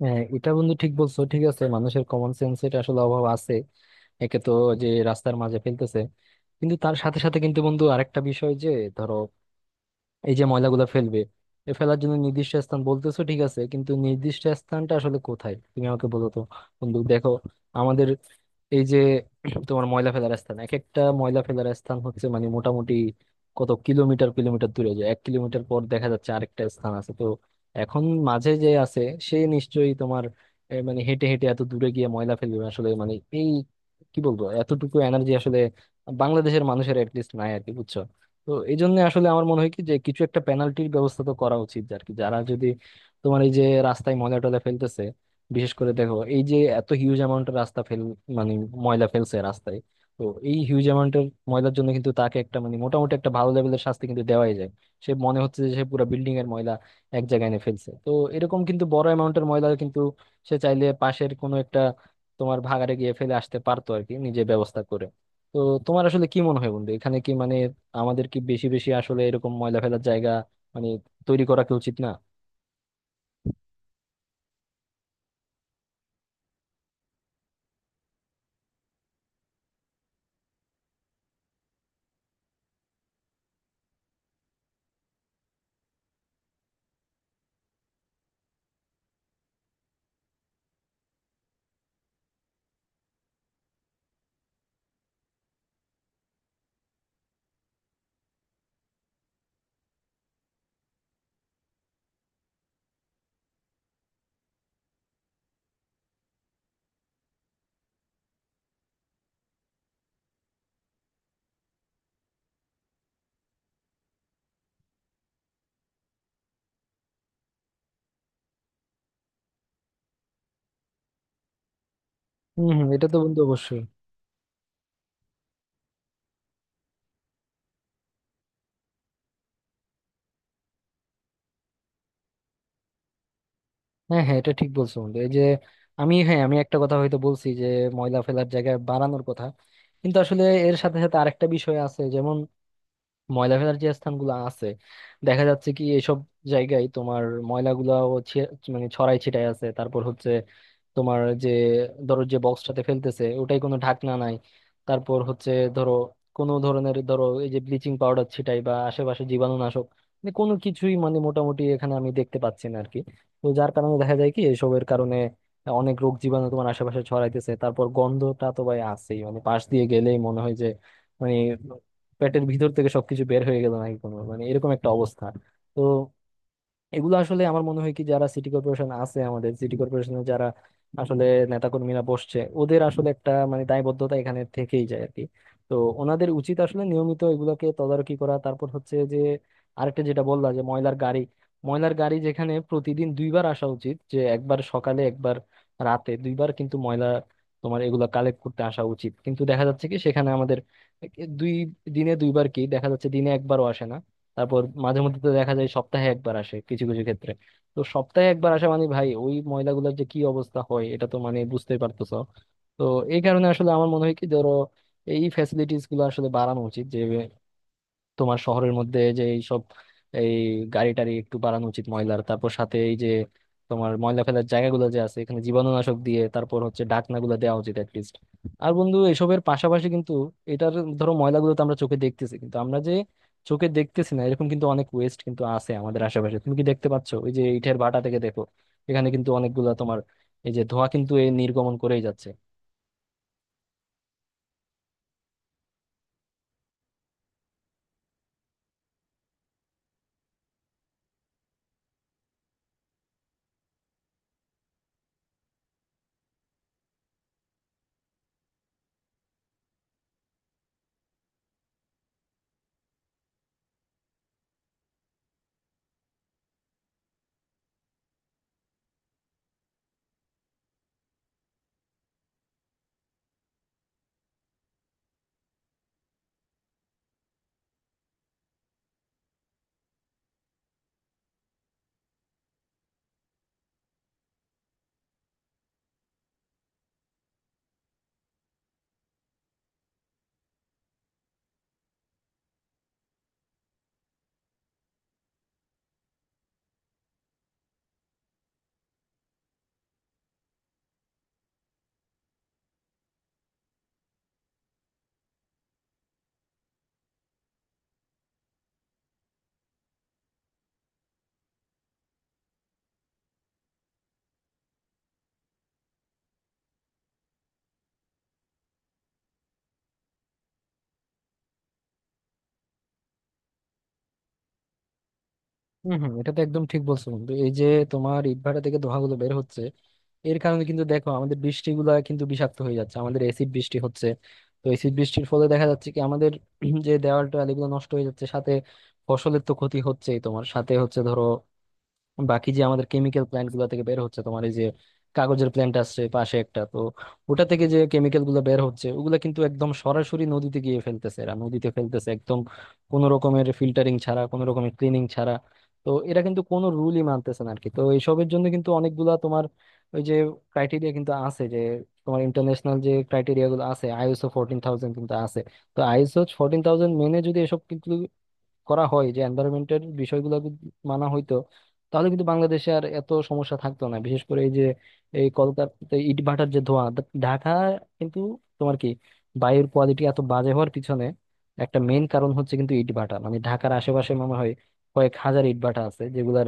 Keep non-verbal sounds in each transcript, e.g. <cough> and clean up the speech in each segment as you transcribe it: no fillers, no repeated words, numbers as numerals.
হ্যাঁ, এটা বন্ধু ঠিক বলছো, ঠিক আছে, মানুষের কমন সেন্স এটা আসলে অভাব আছে। একে তো যে রাস্তার মাঝে ফেলতেছে, কিন্তু তার সাথে সাথে কিন্তু বন্ধু আরেকটা বিষয় যে ধরো, এই যে ময়লাগুলো ফেলবে, এ ফেলার জন্য নির্দিষ্ট স্থান বলতেছো ঠিক আছে, কিন্তু নির্দিষ্ট স্থানটা আসলে কোথায় তুমি আমাকে বলো তো। বন্ধু দেখো, আমাদের এই যে <clears throat> তোমার ময়লা ফেলার স্থান, এক একটা ময়লা ফেলার স্থান হচ্ছে মানে মোটামুটি কত কিলোমিটার কিলোমিটার দূরে যায়, 1 কিলোমিটার পর দেখা যাচ্ছে আরেকটা স্থান আছে। তো এখন মাঝে যে আছে সে নিশ্চয়ই তোমার মানে হেঁটে হেঁটে এত দূরে গিয়ে ময়লা ফেলবে আসলে, মানে এই কি বলবো এতটুকু এনার্জি আসলে বাংলাদেশের মানুষের অ্যাটলিস্ট নাই আর কি, বুঝছো? তো এই জন্য আসলে আমার মনে হয় কি, যে কিছু একটা পেনাল্টির ব্যবস্থা তো করা উচিত আর কি, যারা যদি তোমার এই যে রাস্তায় ময়লা টয়লা ফেলতেছে, বিশেষ করে দেখো এই যে এত হিউজ অ্যামাউন্টের রাস্তা ফেল, মানে ময়লা ফেলছে রাস্তায়, তো এই হিউজ অ্যামাউন্টের ময়লার জন্য কিন্তু তাকে একটা মানে মোটামুটি একটা ভালো লেভেলের শাস্তি কিন্তু দেওয়াই যায়। সে মনে হচ্ছে যে সে পুরো বিল্ডিং এর ময়লা এক জায়গায় এনে ফেলছে, তো এরকম কিন্তু বড় অ্যামাউন্টের ময়লা কিন্তু সে চাইলে পাশের কোনো একটা তোমার ভাগাড়ে গিয়ে ফেলে আসতে পারতো আর কি, নিজে ব্যবস্থা করে। তো তোমার আসলে কি মনে হয় বন্ধু, এখানে কি মানে আমাদের কি বেশি বেশি আসলে এরকম ময়লা ফেলার জায়গা মানে তৈরি করা কি উচিত না? হম হম, এটা তো বন্ধু অবশ্যই। হ্যাঁ হ্যাঁ, এটা ঠিক বলছো বন্ধু, এই যে আমি হ্যাঁ আমি একটা কথা হয়তো বলছি যে ময়লা ফেলার জায়গা বাড়ানোর কথা, কিন্তু আসলে এর সাথে সাথে আরেকটা বিষয় আছে যেমন ময়লা ফেলার যে স্থানগুলো আছে দেখা যাচ্ছে কি এসব জায়গায় তোমার ময়লাগুলাও মানে ছড়াই ছিটাই আছে, তারপর হচ্ছে তোমার যে, ধরো যে বক্সটাতে ফেলতেছে ওটাই কোনো ঢাকনা নাই, তারপর হচ্ছে ধরো কোনো ধরনের ধরো এই যে ব্লিচিং পাউডার ছিটাই বা আশেপাশে জীবাণুনাশক মানে কোনো কিছুই মানে মোটামুটি এখানে আমি দেখতে পাচ্ছি না আর কি। তো যার কারণে দেখা যায় কি এসবের কারণে অনেক রোগ জীবাণু তোমার আশেপাশে ছড়াইতেছে, তারপর গন্ধটা তো ভাই আছেই, মানে পাশ দিয়ে গেলেই মনে হয় যে মানে পেটের ভিতর থেকে সবকিছু বের হয়ে গেল নাকি, কোনো মানে এরকম একটা অবস্থা। তো এগুলো আসলে আমার মনে হয় কি যারা সিটি কর্পোরেশন আছে, আমাদের সিটি কর্পোরেশনে যারা আসলে নেতাকর্মীরা বসছে, ওদের আসলে একটা মানে দায়বদ্ধতা এখানে থেকেই যায় আর কি। তো ওনাদের উচিত আসলে নিয়মিত এগুলোকে তদারকি করা, তারপর হচ্ছে যে আরেকটা যেটা বললাম যে ময়লার গাড়ি, ময়লার গাড়ি যেখানে প্রতিদিন দুইবার আসা উচিত, যে একবার সকালে একবার রাতে, দুইবার কিন্তু ময়লা তোমার এগুলা কালেক্ট করতে আসা উচিত, কিন্তু দেখা যাচ্ছে কি সেখানে আমাদের দুই দিনে দুইবার কি দেখা যাচ্ছে, দিনে একবারও আসে না। তারপর মাঝে মধ্যে তো দেখা যায় সপ্তাহে একবার আসে কিছু কিছু ক্ষেত্রে, তো সপ্তাহে একবার আসা মানে ভাই ওই ময়লাগুলোর যে কি অবস্থা হয় এটা তো মানে বুঝতেই পারতেছো। তো এই কারণে আসলে আমার মনে হয় কি, ধরো এই ফ্যাসিলিটিস গুলো আসলে বাড়ানো উচিত, যে তোমার শহরের মধ্যে যে এইসব এই গাড়ি টাড়ি একটু বাড়ানো উচিত ময়লার, তারপর সাথে এই যে তোমার ময়লা ফেলার জায়গাগুলো যে আছে এখানে জীবাণুনাশক দিয়ে, তারপর হচ্ছে ঢাকনাগুলো দেওয়া উচিত অ্যাটলিস্ট। আর বন্ধু এসবের পাশাপাশি কিন্তু এটার ধরো ময়লাগুলো তো আমরা চোখে দেখতেছি, কিন্তু আমরা যে চোখে দেখতেছি না এরকম কিন্তু অনেক ওয়েস্ট কিন্তু আছে আমাদের আশেপাশে, তুমি কি দেখতে পাচ্ছ ওই যে ইটের ভাটা থেকে দেখো এখানে কিন্তু অনেকগুলা তোমার এই যে ধোঁয়া কিন্তু এই নির্গমন করেই যাচ্ছে। হম হম, এটা তো একদম ঠিক বলছো বন্ধু, এই যে তোমার ইটভাটা থেকে ধোঁয়াগুলো বের হচ্ছে এর কারণে কিন্তু দেখো আমাদের বৃষ্টিগুলা কিন্তু বিষাক্ত হয়ে যাচ্ছে, আমাদের এসিড বৃষ্টি হচ্ছে। তো এসিড বৃষ্টির ফলে দেখা যাচ্ছে কি আমাদের <clears throat> যে দেওয়াল টোয়াল এগুলো নষ্ট হয়ে যাচ্ছে, সাথে ফসলের তো ক্ষতি হচ্ছেই, তোমার সাথে হচ্ছে ধরো বাকি যে আমাদের কেমিক্যাল প্ল্যান্ট গুলো থেকে বের হচ্ছে, তোমার এই যে কাগজের প্ল্যান্ট আছে পাশে একটা, তো ওটা থেকে যে কেমিক্যাল গুলো বের হচ্ছে ওগুলা কিন্তু একদম সরাসরি নদীতে গিয়ে ফেলতেছে, এরা নদীতে ফেলতেছে একদম কোনো রকমের ফিল্টারিং ছাড়া, কোনো রকমের ক্লিনিং ছাড়া। তো এরা কিন্তু কোনো রুলই মানতেছে না আর কি। তো এইসবের জন্য কিন্তু অনেকগুলা তোমার ওই যে ক্রাইটেরিয়া কিন্তু আছে, যে তোমার ইন্টারন্যাশনাল যে ক্রাইটেরিয়া গুলো আছে ISO 14000 কিন্তু আছে, তো ISO 14000 মেনে যদি এসব করা হয়, যে এনভায়রনমেন্টের বিষয়গুলো যদি মানা হইতো, তাহলে কিন্তু বাংলাদেশে আর এত সমস্যা থাকতো না। বিশেষ করে এই যে এই কলকাতা ইটভাটার যে ধোঁয়া ঢাকা কিন্তু তোমার কি বায়ুর কোয়ালিটি এত বাজে হওয়ার পিছনে একটা মেইন কারণ হচ্ছে কিন্তু ইটভাটা, মানে ঢাকার আশেপাশে মনে হয় কয়েক হাজার ইটভাটা আছে যেগুলার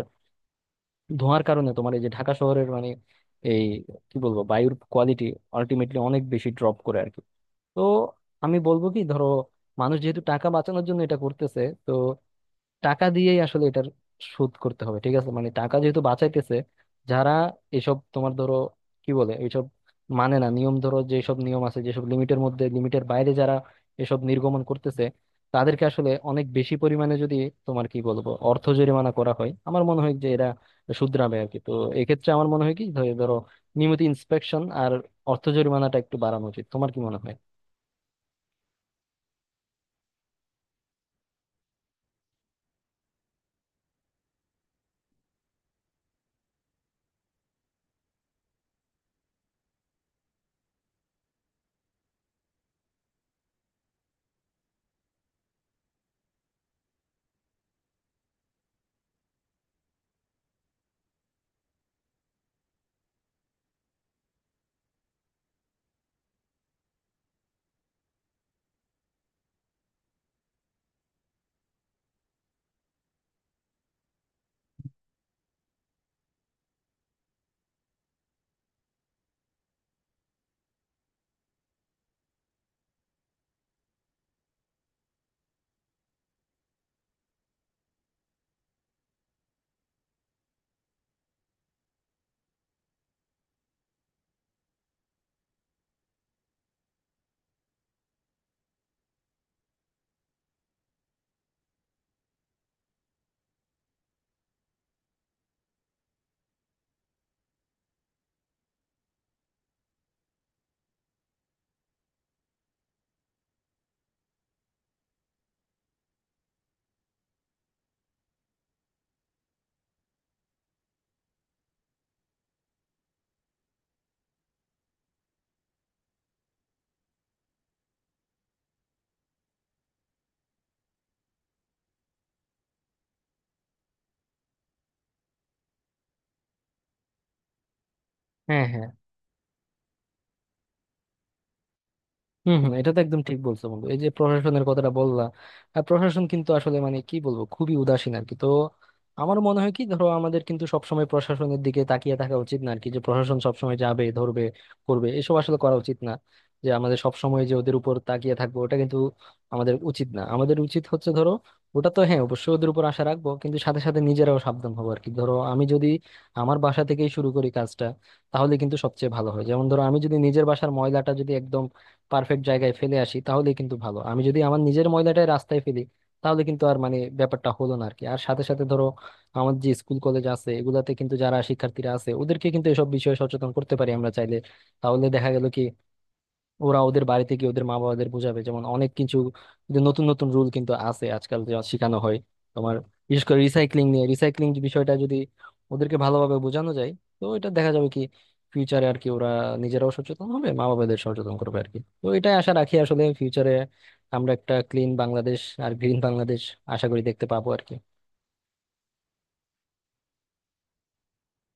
ধোঁয়ার কারণে তোমার এই যে ঢাকা শহরের মানে এই কি বলবো বায়ুর কোয়ালিটি আলটিমেটলি অনেক বেশি ড্রপ করে আর কি। তো আমি বলবো কি ধরো, মানুষ যেহেতু টাকা বাঁচানোর জন্য এটা করতেছে, তো টাকা দিয়েই আসলে এটার শোধ করতে হবে, ঠিক আছে মানে টাকা যেহেতু বাঁচাইতেছে, যারা এসব তোমার ধরো কি বলে এইসব মানে না নিয়ম ধরো যেসব নিয়ম আছে যেসব লিমিটের মধ্যে, লিমিটের বাইরে যারা এসব নির্গমন করতেছে, তাদেরকে আসলে অনেক বেশি পরিমাণে যদি তোমার কি বলবো অর্থ জরিমানা করা হয়, আমার মনে হয় যে এরা শুধরাবে আর কি। তো এক্ষেত্রে আমার মনে হয় কি ধরো নিয়মিত ইন্সপেকশন আর অর্থ জরিমানাটা একটু বাড়ানো উচিত, তোমার কি মনে হয়? হ্যাঁ হ্যাঁ, হম হম, এটা তো একদম ঠিক বলছো বন্ধু, এই যে প্রশাসনের কথাটা বললা, প্রশাসন কিন্তু আসলে মানে কি বলবো খুবই উদাসীন আর কি। তো আমার মনে হয় কি ধরো আমাদের কিন্তু সবসময় প্রশাসনের দিকে তাকিয়ে থাকা উচিত না আর কি, যে প্রশাসন সবসময় যাবে ধরবে করবে, এসব আসলে করা উচিত না, যে আমাদের সবসময় যে ওদের উপর তাকিয়ে থাকবো ওটা কিন্তু আমাদের উচিত না, আমাদের উচিত হচ্ছে ধরো ওটা তো হ্যাঁ অবশ্যই ওদের উপর আশা রাখবো কিন্তু সাথে সাথে নিজেরাও সাবধান হবো আর কি, ধরো আমি যদি আমার বাসা থেকেই শুরু করি কাজটা, তাহলে কিন্তু সবচেয়ে ভালো হয়। যেমন ধরো আমি যদি নিজের বাসার ময়লাটা যদি একদম পারফেক্ট জায়গায় ফেলে আসি তাহলেই কিন্তু ভালো, আমি যদি আমার নিজের ময়লাটাই রাস্তায় ফেলি তাহলে কিন্তু আর মানে ব্যাপারটা হলো না আর কি। আর সাথে সাথে ধরো আমার যে স্কুল কলেজ আছে এগুলাতে কিন্তু যারা শিক্ষার্থীরা আছে ওদেরকে কিন্তু এসব বিষয়ে সচেতন করতে পারি আমরা চাইলে, তাহলে দেখা গেল কি ওরা ওদের বাড়িতে গিয়ে ওদের মা বাবাদের বোঝাবে, যেমন অনেক কিছু যে নতুন নতুন রুল কিন্তু আছে আজকাল যা শেখানো হয় তোমার, বিশেষ করে রিসাইক্লিং নিয়ে, রিসাইক্লিং বিষয়টা যদি ওদেরকে ভালোভাবে বোঝানো যায়, তো এটা দেখা যাবে কি ফিউচারে আর কি ওরা নিজেরাও সচেতন হবে, মা বাবাদের সচেতন করবে আর কি। তো এটাই আশা রাখি আসলে ফিউচারে আমরা একটা ক্লিন বাংলাদেশ আর গ্রিন বাংলাদেশ আশা করি দেখতে পাবো আর কি।